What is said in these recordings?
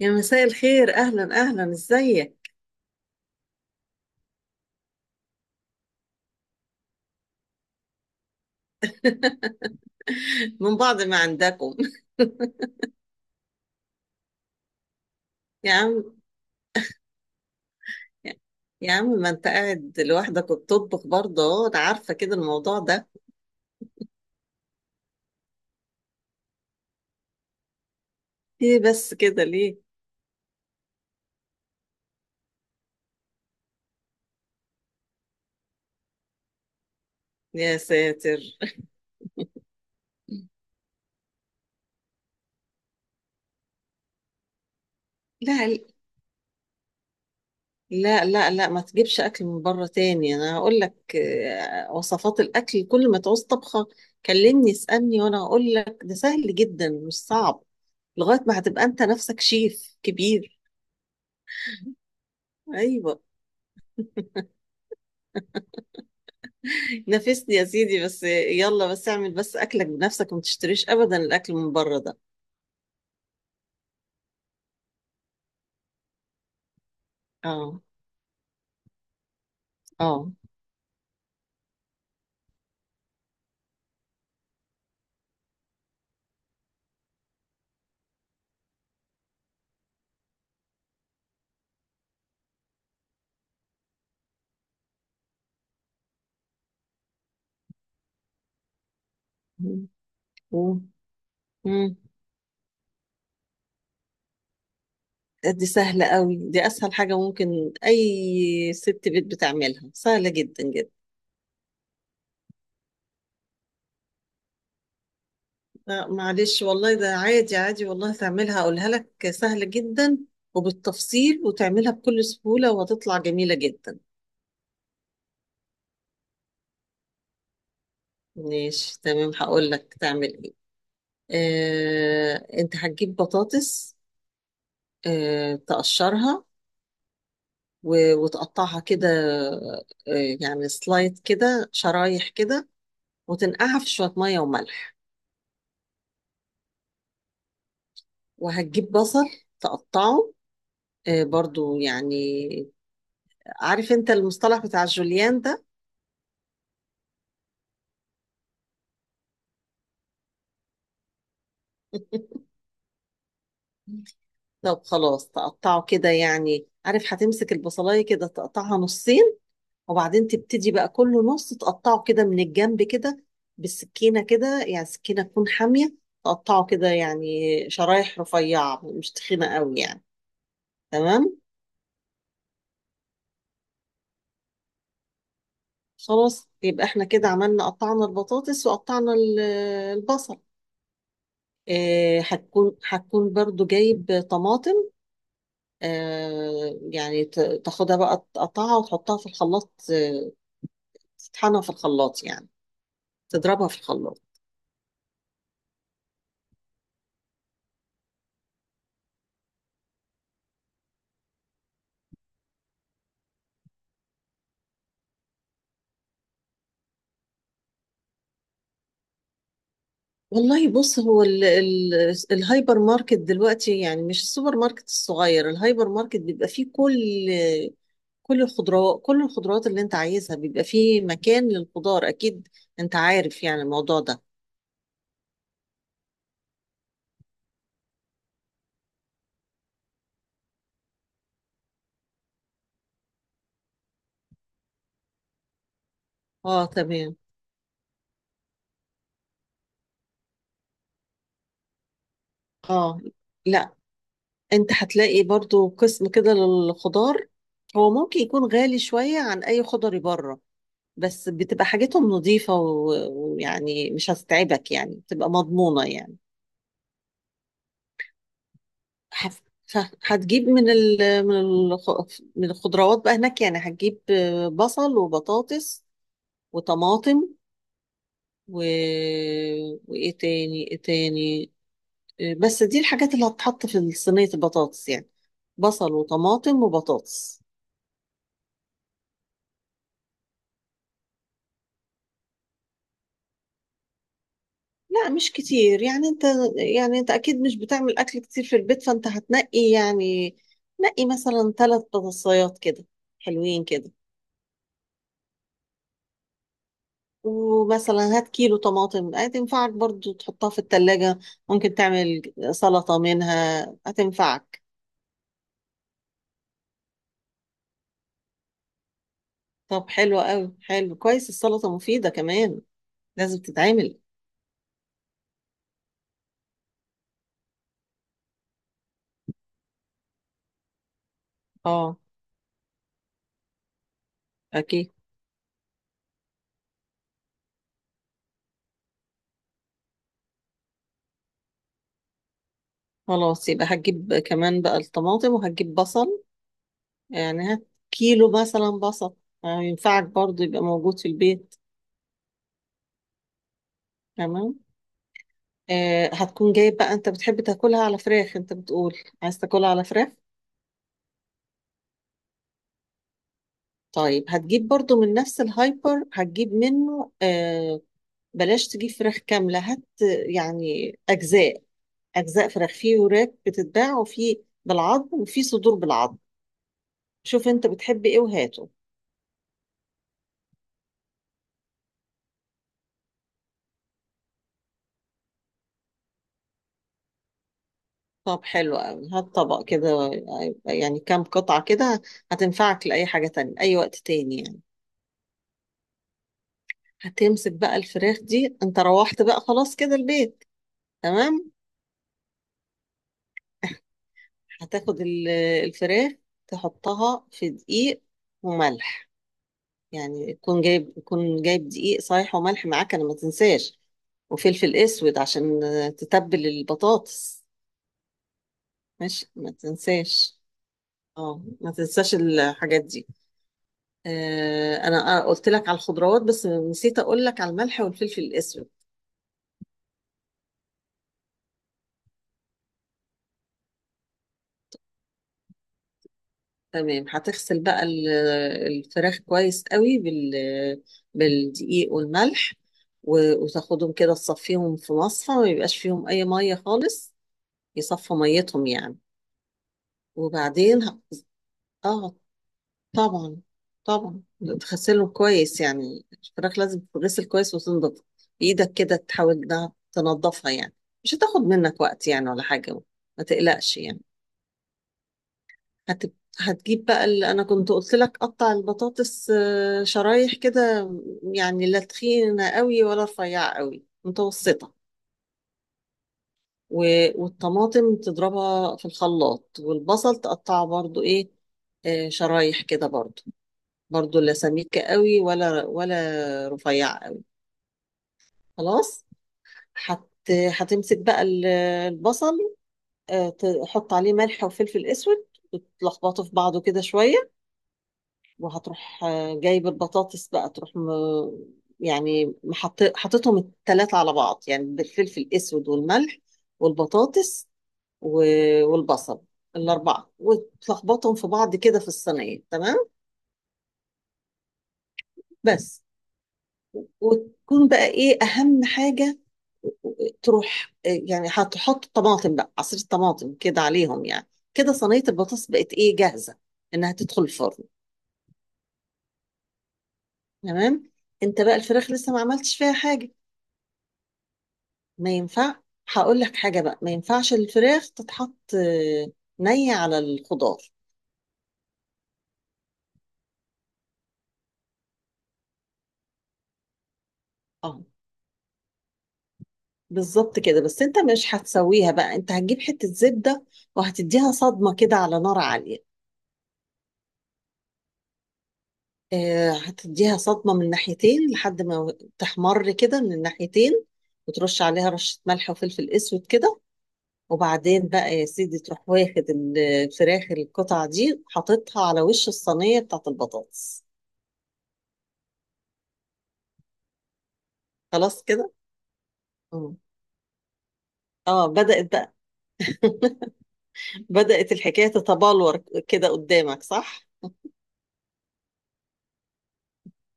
يا مساء الخير، اهلا اهلا، ازيك؟ من بعض ما عندكم. يا عم، يا عم، ما انت قاعد لوحدك وبتطبخ برضه اهو، انا عارفه كده الموضوع ده. ايه بس كده ليه؟ يا ساتر. لا لا لا لا، ما تجيبش اكل من بره تاني، انا هقول لك وصفات الاكل، كل ما تعوز طبخه كلمني، اسالني، وانا هقول لك ده سهل جدا مش صعب، لغايه ما هتبقى انت نفسك شيف كبير. ايوه، نافسني يا سيدي، بس يلا، بس اعمل بس اكلك بنفسك وما تشتريش ابدا الاكل من بره ده. اه. اه. مم. مم. مم. دي سهلة قوي، دي اسهل حاجة ممكن اي ست بيت بتعملها، سهلة جدا جدا. لا، معلش والله ده عادي عادي، والله تعملها، اقولها لك سهلة جدا، وبالتفصيل، وتعملها بكل سهولة، وهتطلع جميلة جدا. ماشي، تمام، هقول لك تعمل ايه. انت هتجيب بطاطس، تقشرها، وتقطعها كده، يعني سلايد كده، شرايح كده، وتنقعها في شوية مية وملح. وهتجيب بصل، تقطعه، برضو يعني، عارف انت المصطلح بتاع الجوليان ده؟ طب خلاص، تقطعه كده يعني، عارف هتمسك البصلاية كده تقطعها نصين، وبعدين تبتدي بقى كل نص تقطعه كده من الجنب كده، بالسكينة كده، يعني السكينة تكون حامية، تقطعه كده يعني، شرايح رفيعة مش تخينة قوي يعني. تمام. خلاص، يبقى احنا كده عملنا، قطعنا البطاطس وقطعنا البصل. هتكون برضو جايب طماطم، يعني تاخدها بقى، تقطعها وتحطها في الخلاط، تطحنها في الخلاط، يعني تضربها في الخلاط. والله بص، هو ال ال الهايبر ماركت دلوقتي يعني، مش السوبر ماركت الصغير، الهايبر ماركت بيبقى فيه كل الخضروات، كل الخضروات اللي انت عايزها، بيبقى فيه مكان للخضار اكيد، انت عارف يعني الموضوع ده. اه. تمام. اه. لا، انت هتلاقي برضو قسم كده للخضار، هو ممكن يكون غالي شوية عن اي خضري بره، بس بتبقى حاجتهم نظيفة، ويعني مش هتتعبك يعني، بتبقى مضمونة يعني. هف- ف- هتجيب من من الخضروات بقى هناك، يعني هتجيب بصل وبطاطس وطماطم و... وايه تاني، ايه تاني، بس دي الحاجات اللي هتتحط في صينية البطاطس يعني، بصل وطماطم وبطاطس. لا مش كتير يعني، انت اكيد مش بتعمل اكل كتير في البيت، فانت هتنقي يعني، نقي مثلا ثلاث بطاطسيات كده، حلوين كده. ومثلا هات كيلو طماطم، هتنفعك برضو تحطها في التلاجة، ممكن تعمل سلطة منها، هتنفعك. طب حلو قوي، حلو كويس، السلطة مفيدة كمان، لازم تتعمل. اه اكيد. خلاص يبقى هتجيب كمان بقى الطماطم وهتجيب بصل، يعني هات كيلو مثلا بصل، ينفعك برضو يبقى موجود في البيت. تمام. هتكون جايب بقى، انت بتحب تاكلها على فراخ، انت بتقول عايز تاكلها على فراخ. طيب، هتجيب برضو من نفس الهايبر، هتجيب منه بلاش تجيب فراخ كاملة، هات يعني أجزاء فراخ، في وراك بتتباع وفي بالعظم وفي صدور بالعظم، شوف انت بتحب ايه وهاته. طب حلو قوي، هات طبق كده، يعني كام قطعة كده، هتنفعك لأي حاجة تانية أي وقت تاني يعني. هتمسك بقى الفراخ دي، انت روحت بقى خلاص كده البيت، تمام. هتاخد الفراخ، تحطها في دقيق وملح، يعني تكون جايب دقيق صحيح وملح معاك، انا ما تنساش، وفلفل اسود، عشان تتبل البطاطس. ماشي، ما تنساش، اه ما تنساش الحاجات دي. انا قلت لك على الخضروات، بس نسيت اقول لك على الملح والفلفل الاسود. تمام، هتغسل بقى الفراخ كويس قوي بالدقيق والملح، وتاخدهم كده، تصفيهم في مصفى، ما يبقاش فيهم اي ميه خالص، يصفوا ميتهم يعني. وبعدين ه- اه طبعا، طبعا تغسلهم كويس، يعني الفراخ لازم تتغسل كويس وتنضف، بايدك كده تحاول إنها تنضفها يعني، مش هتاخد منك وقت يعني ولا حاجه، ما تقلقش يعني. هت... هتجيب بقى اللي انا كنت قلت لك، قطع البطاطس شرايح كده، يعني لا تخينه قوي ولا رفيعه قوي، متوسطه. و... والطماطم تضربها في الخلاط، والبصل تقطعه برضو ايه، شرايح كده برضو، برضو لا سميكه قوي ولا رفيعه قوي. خلاص. هت... هتمسك بقى البصل، تحط عليه ملح وفلفل اسود، وتلخبطه في بعضه كده شويه. وهتروح جايب البطاطس بقى، تروح يعني حطيتهم التلاتة على بعض، يعني بالفلفل الأسود والملح والبطاطس و... والبصل، الأربعة، وتلخبطهم في بعض كده في الصينية، تمام. بس، وتكون بقى إيه أهم حاجة، تروح يعني هتحط طماطم بقى، عصير الطماطم كده عليهم يعني، كده صينية البطاطس بقت إيه، جاهزة إنها تدخل الفرن. تمام. أنت بقى الفراخ لسه ما عملتش فيها حاجة، ما ينفع. هقول لك حاجة بقى، ما ينفعش الفراخ تتحط نية على الخضار. اه بالظبط كده، بس انت مش هتسويها بقى، انت هتجيب حتة زبدة، وهتديها صدمة كده على نار عالية. هتديها صدمة من ناحيتين، لحد ما تحمر كده من الناحيتين، وترش عليها رشة ملح وفلفل اسود كده. وبعدين بقى يا سيدي، تروح واخد الفراخ القطع دي، حاططها على وش الصينية بتاعت البطاطس. خلاص كده. اه، بدأت بقى. بدأت الحكاية تتبلور كده قدامك، صح؟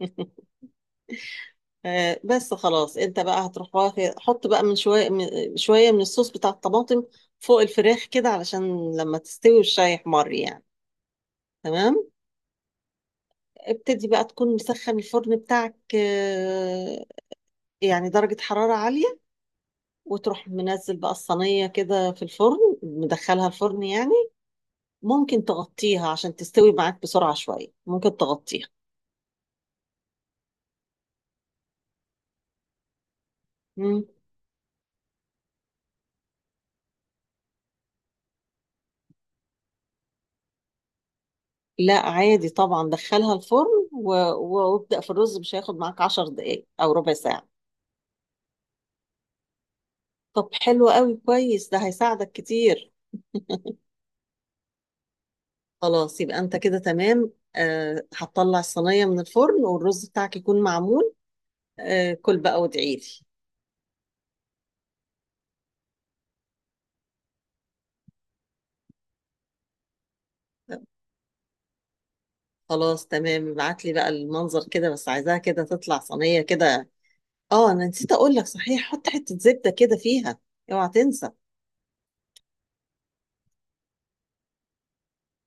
بس خلاص، انت بقى هتروح حط بقى من شوية من الصوص بتاع الطماطم فوق الفراخ كده، علشان لما تستوي الشاي يحمر يعني. تمام، ابتدي بقى، تكون مسخن الفرن بتاعك، يعني درجة حرارة عالية، وتروح منزل بقى الصينية كده في الفرن، مدخلها الفرن يعني. ممكن تغطيها عشان تستوي معاك بسرعة شوية، ممكن تغطيها. لا عادي طبعا، دخلها الفرن وابدأ في الرز، مش هياخد معاك 10 دقايق أو ربع ساعة. طب حلو قوي، كويس، ده هيساعدك كتير. خلاص يبقى أنت كده تمام. هتطلع الصينية من الفرن والرز بتاعك يكون معمول. كل بقى وادعيلي. خلاص تمام، ابعت لي بقى المنظر كده، بس عايزاها كده تطلع صينية كده. اه انا نسيت اقول لك، صحيح حط حتة زبدة كده فيها، اوعى تنسى.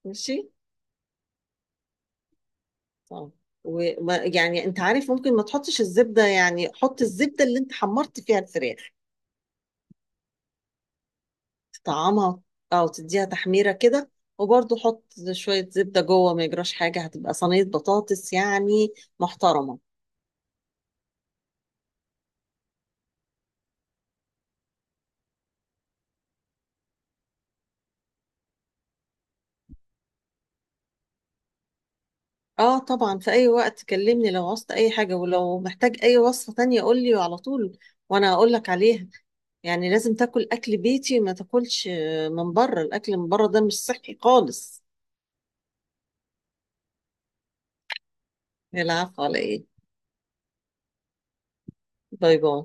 ماشي. اه وما يعني، انت عارف ممكن ما تحطش الزبده، يعني حط الزبده اللي انت حمرت فيها الفراخ، تطعمها، او تديها تحميره كده، وبرضه حط شويه زبده جوه، ما يجراش حاجه، هتبقى صينيه بطاطس يعني محترمه. اه طبعا، في اي وقت كلمني لو عوزت اي حاجه، ولو محتاج اي وصفه تانية قول لي على طول، وانا اقول لك عليها، يعني لازم تاكل اكل بيتي، ما تاكلش من بره، الاكل من بره ده مش صحي خالص. العفو، على ايه؟ باي باي.